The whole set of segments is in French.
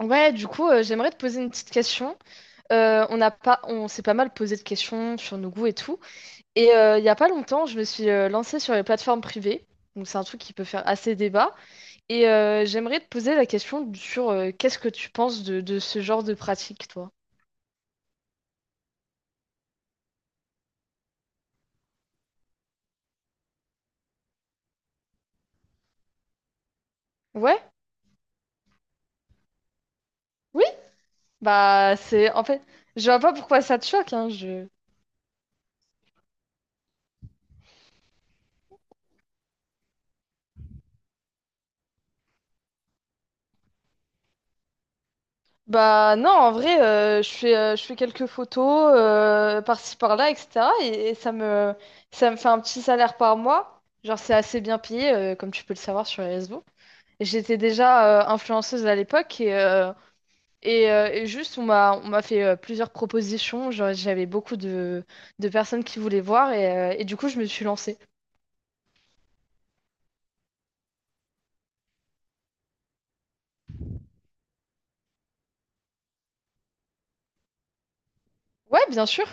Ouais, du coup, j'aimerais te poser une petite question. On s'est pas mal posé de questions sur nos goûts et tout. Et il y a pas longtemps, je me suis lancée sur les plateformes privées. Donc c'est un truc qui peut faire assez débat. Et j'aimerais te poser la question sur qu'est-ce que tu penses de ce genre de pratique, toi? Ouais? Oui? Bah c'est en fait, je vois pas pourquoi ça te choque, hein, je... Bah non, en vrai, je fais quelques photos par-ci par-là, etc. Ça me fait un petit salaire par mois. Genre, c'est assez bien payé, comme tu peux le savoir sur les réseaux. Et j'étais déjà influenceuse à l'époque et juste, on m'a fait plusieurs propositions. Genre, j'avais beaucoup de personnes qui voulaient voir et du coup, je me suis lancée. Ouais, bien sûr.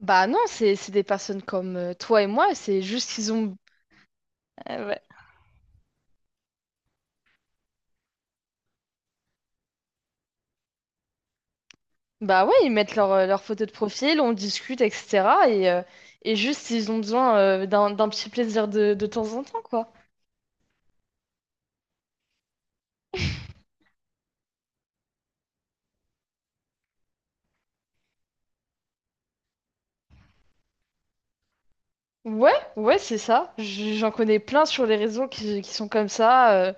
Bah non, c'est des personnes comme toi et moi, c'est juste qu'ils ont... Bah ouais, ils mettent leur, leur photo de profil, on discute, etc. Et juste, ils ont besoin d'un petit plaisir de temps en temps, quoi. Ouais, ouais, c'est ça. J- J'en connais plein sur les réseaux qui sont comme ça,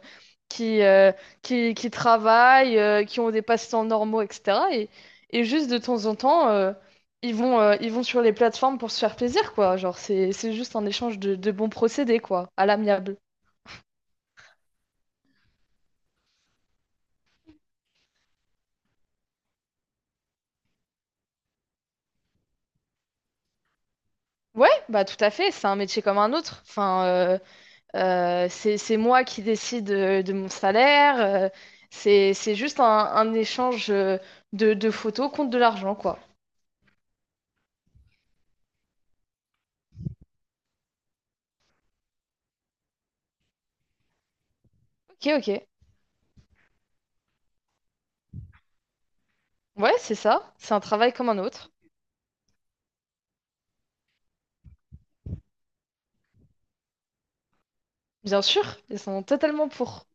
qui, euh, qui travaillent, qui ont des passe-temps normaux, etc. Et juste de temps en temps, ils vont sur les plateformes pour se faire plaisir, quoi. Genre, c'est juste un échange de bons procédés, quoi, à l'amiable. Ouais, bah tout à fait, c'est un métier comme un autre. Enfin, c'est moi qui décide mon salaire. C'est juste un échange de photos contre de l'argent, quoi. Ok, ok. Ouais, c'est ça. C'est un travail comme un autre. Bien sûr, ils sont totalement pour.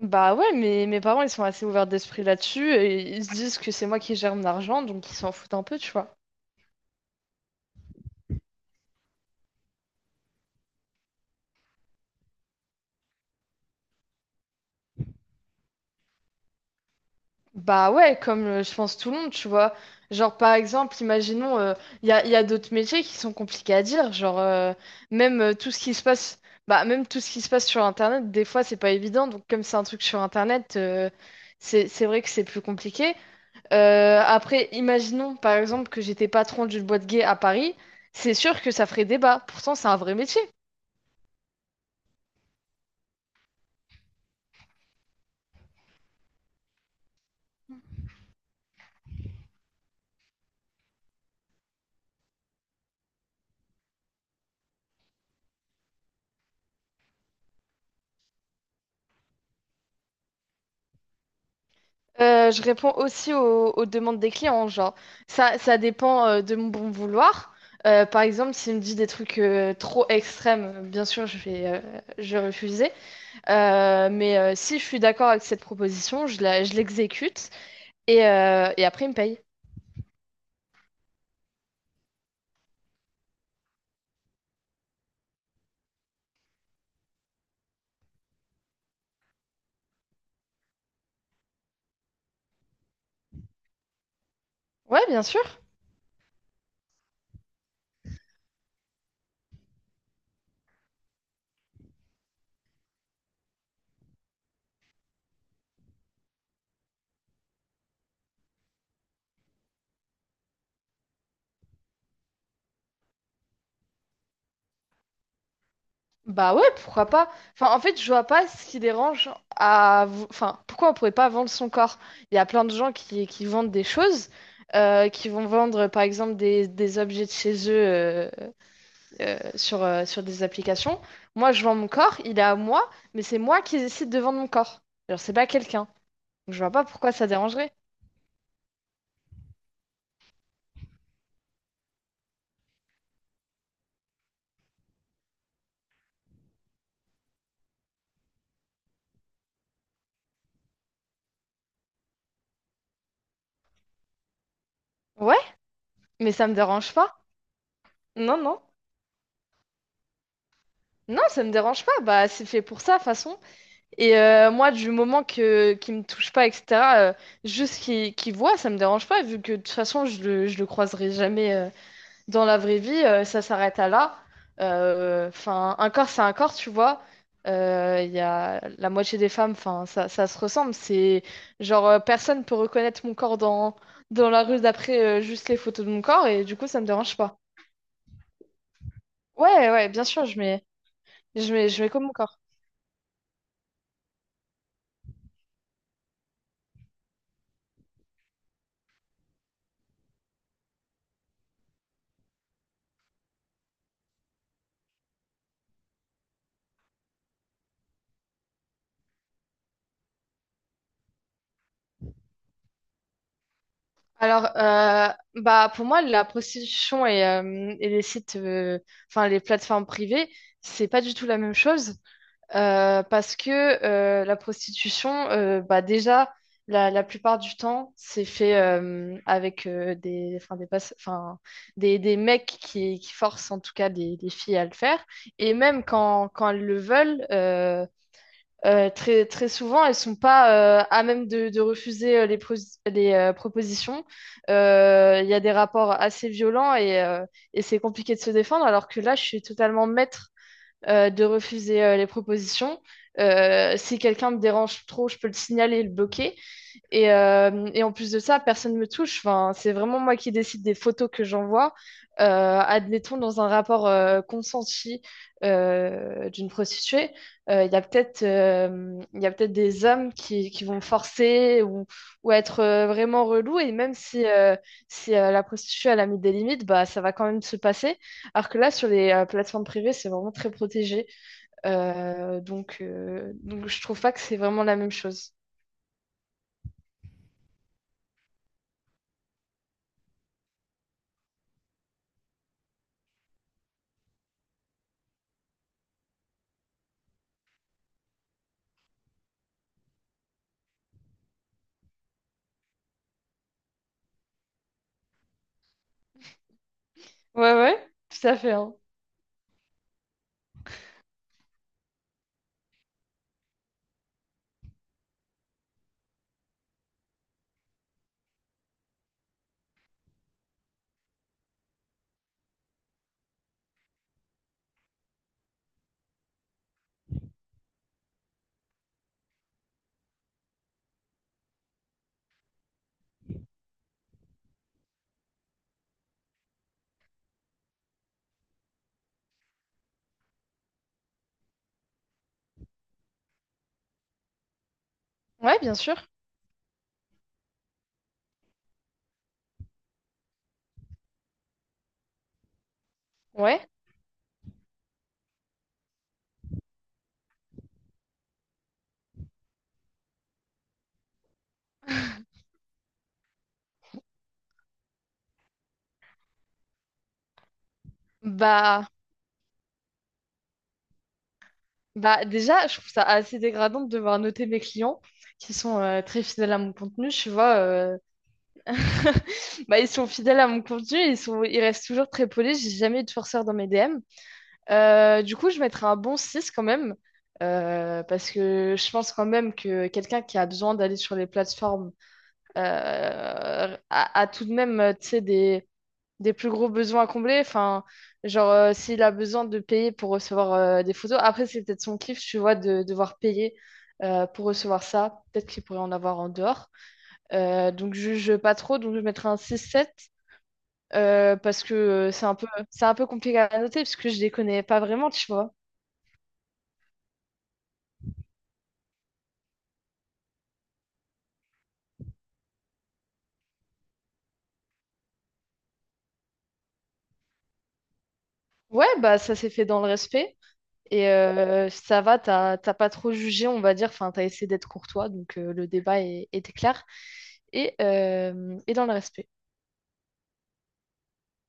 Bah ouais, mais mes parents, ils sont assez ouverts d'esprit là-dessus et ils se disent que c'est moi qui gère mon argent, donc ils s'en foutent un peu, tu vois. Bah ouais, comme je pense tout le monde, tu vois. Genre par exemple, imaginons, il y a d'autres métiers qui sont compliqués à dire, genre même tout ce qui se passe, bah même tout ce qui se passe sur Internet, des fois c'est pas évident, donc comme c'est un truc sur Internet, c'est vrai que c'est plus compliqué. Après, imaginons par exemple que j'étais patron d'une boîte gay à Paris, c'est sûr que ça ferait débat, pourtant c'est un vrai métier. Je réponds aussi aux demandes des clients, genre ça dépend de mon bon vouloir. Par exemple, s'il me dit des trucs trop extrêmes, bien sûr, je vais refuser. Si je suis d'accord avec cette proposition, je l'exécute et après, il me paye. Ouais, bien sûr. Bah ouais, pourquoi pas? Enfin, en fait, je vois pas ce qui dérange à... vou- Enfin, pourquoi on pourrait pas vendre son corps? Il y a plein de gens qui vendent des choses, qui vont vendre, par exemple, des objets de chez eux sur des applications. Moi, je vends mon corps, il est à moi, mais c'est moi qui décide de vendre mon corps. Alors, c'est pas quelqu'un. Donc, je vois pas pourquoi ça dérangerait. Ouais, mais ça me dérange pas. Non, non. Non, ça me dérange pas. Bah, c'est fait pour ça, de toute façon. Et moi, du moment que qu'il me touche pas, etc., euh, juste qu'il voit, ça me dérange pas, vu que de toute façon, je le croiserai jamais dans la vraie vie, ça s'arrête à là. Enfin, un corps, c'est un corps, tu vois. Il y a la moitié des femmes, enfin, ça se ressemble. C'est genre, personne peut reconnaître mon corps dans la rue d'après juste les photos de mon corps, et du coup, ça me dérange pas. Ouais, ouais, bien sûr, je mets comme mon corps. Alors, bah pour moi, et les sites, enfin les plateformes privées, c'est pas du tout la même chose parce que la prostitution, bah déjà la plupart du temps, c'est fait avec des, enfin des, passe- enfin des mecs qui forcent en tout cas des filles à le faire et même quand elles le veulent. Très, très souvent, elles sont pas à même de refuser les, pro- les propositions. Il y a des rapports assez violents et c'est compliqué de se défendre, alors que là, je suis totalement maître de refuser les propositions. Si quelqu'un me dérange trop, je peux le signaler et le bloquer. Et en plus de ça, personne ne me touche. Enfin, c'est vraiment moi qui décide des photos que j'envoie. Euh, Admettons, dans un rapport consenti d'une prostituée, il y a peut-être des hommes qui vont forcer ou être vraiment relous. Et même si, si la prostituée elle a mis des limites, bah, ça va quand même se passer. Alors que là, sur les plateformes privées, c'est vraiment très protégé. Donc, je trouve pas que c'est vraiment la même chose. Ouais, ouais, tout à fait, hein. Ouais, bien sûr. Ouais. Bah, Bah déjà, je trouve ça assez dégradant de devoir noter mes clients qui sont très fidèles à mon contenu. Tu vois, bah, ils sont fidèles à mon contenu, ils restent toujours très polis. J'ai jamais eu de forceur dans mes DM. Du coup, je mettrais un bon 6 quand même, parce que je pense quand même que quelqu'un qui a besoin d'aller sur les plateformes a tout de même, tu sais, des plus gros besoins à combler. Enfin, genre, s'il a besoin de payer pour recevoir des photos, après, c'est peut-être son kiff, tu vois, de devoir payer pour recevoir ça. Peut-être qu'il pourrait en avoir en dehors. Donc, je juge pas trop. Donc, je mettrais un 6-7 parce que c'est un peu compliqué à noter parce que je les connais pas vraiment, tu vois. Ouais, bah, ça s'est fait dans le respect. Et ça va, t'as pas trop jugé, on va dire. Enfin, t'as essayé d'être courtois, donc le débat était clair et dans le respect.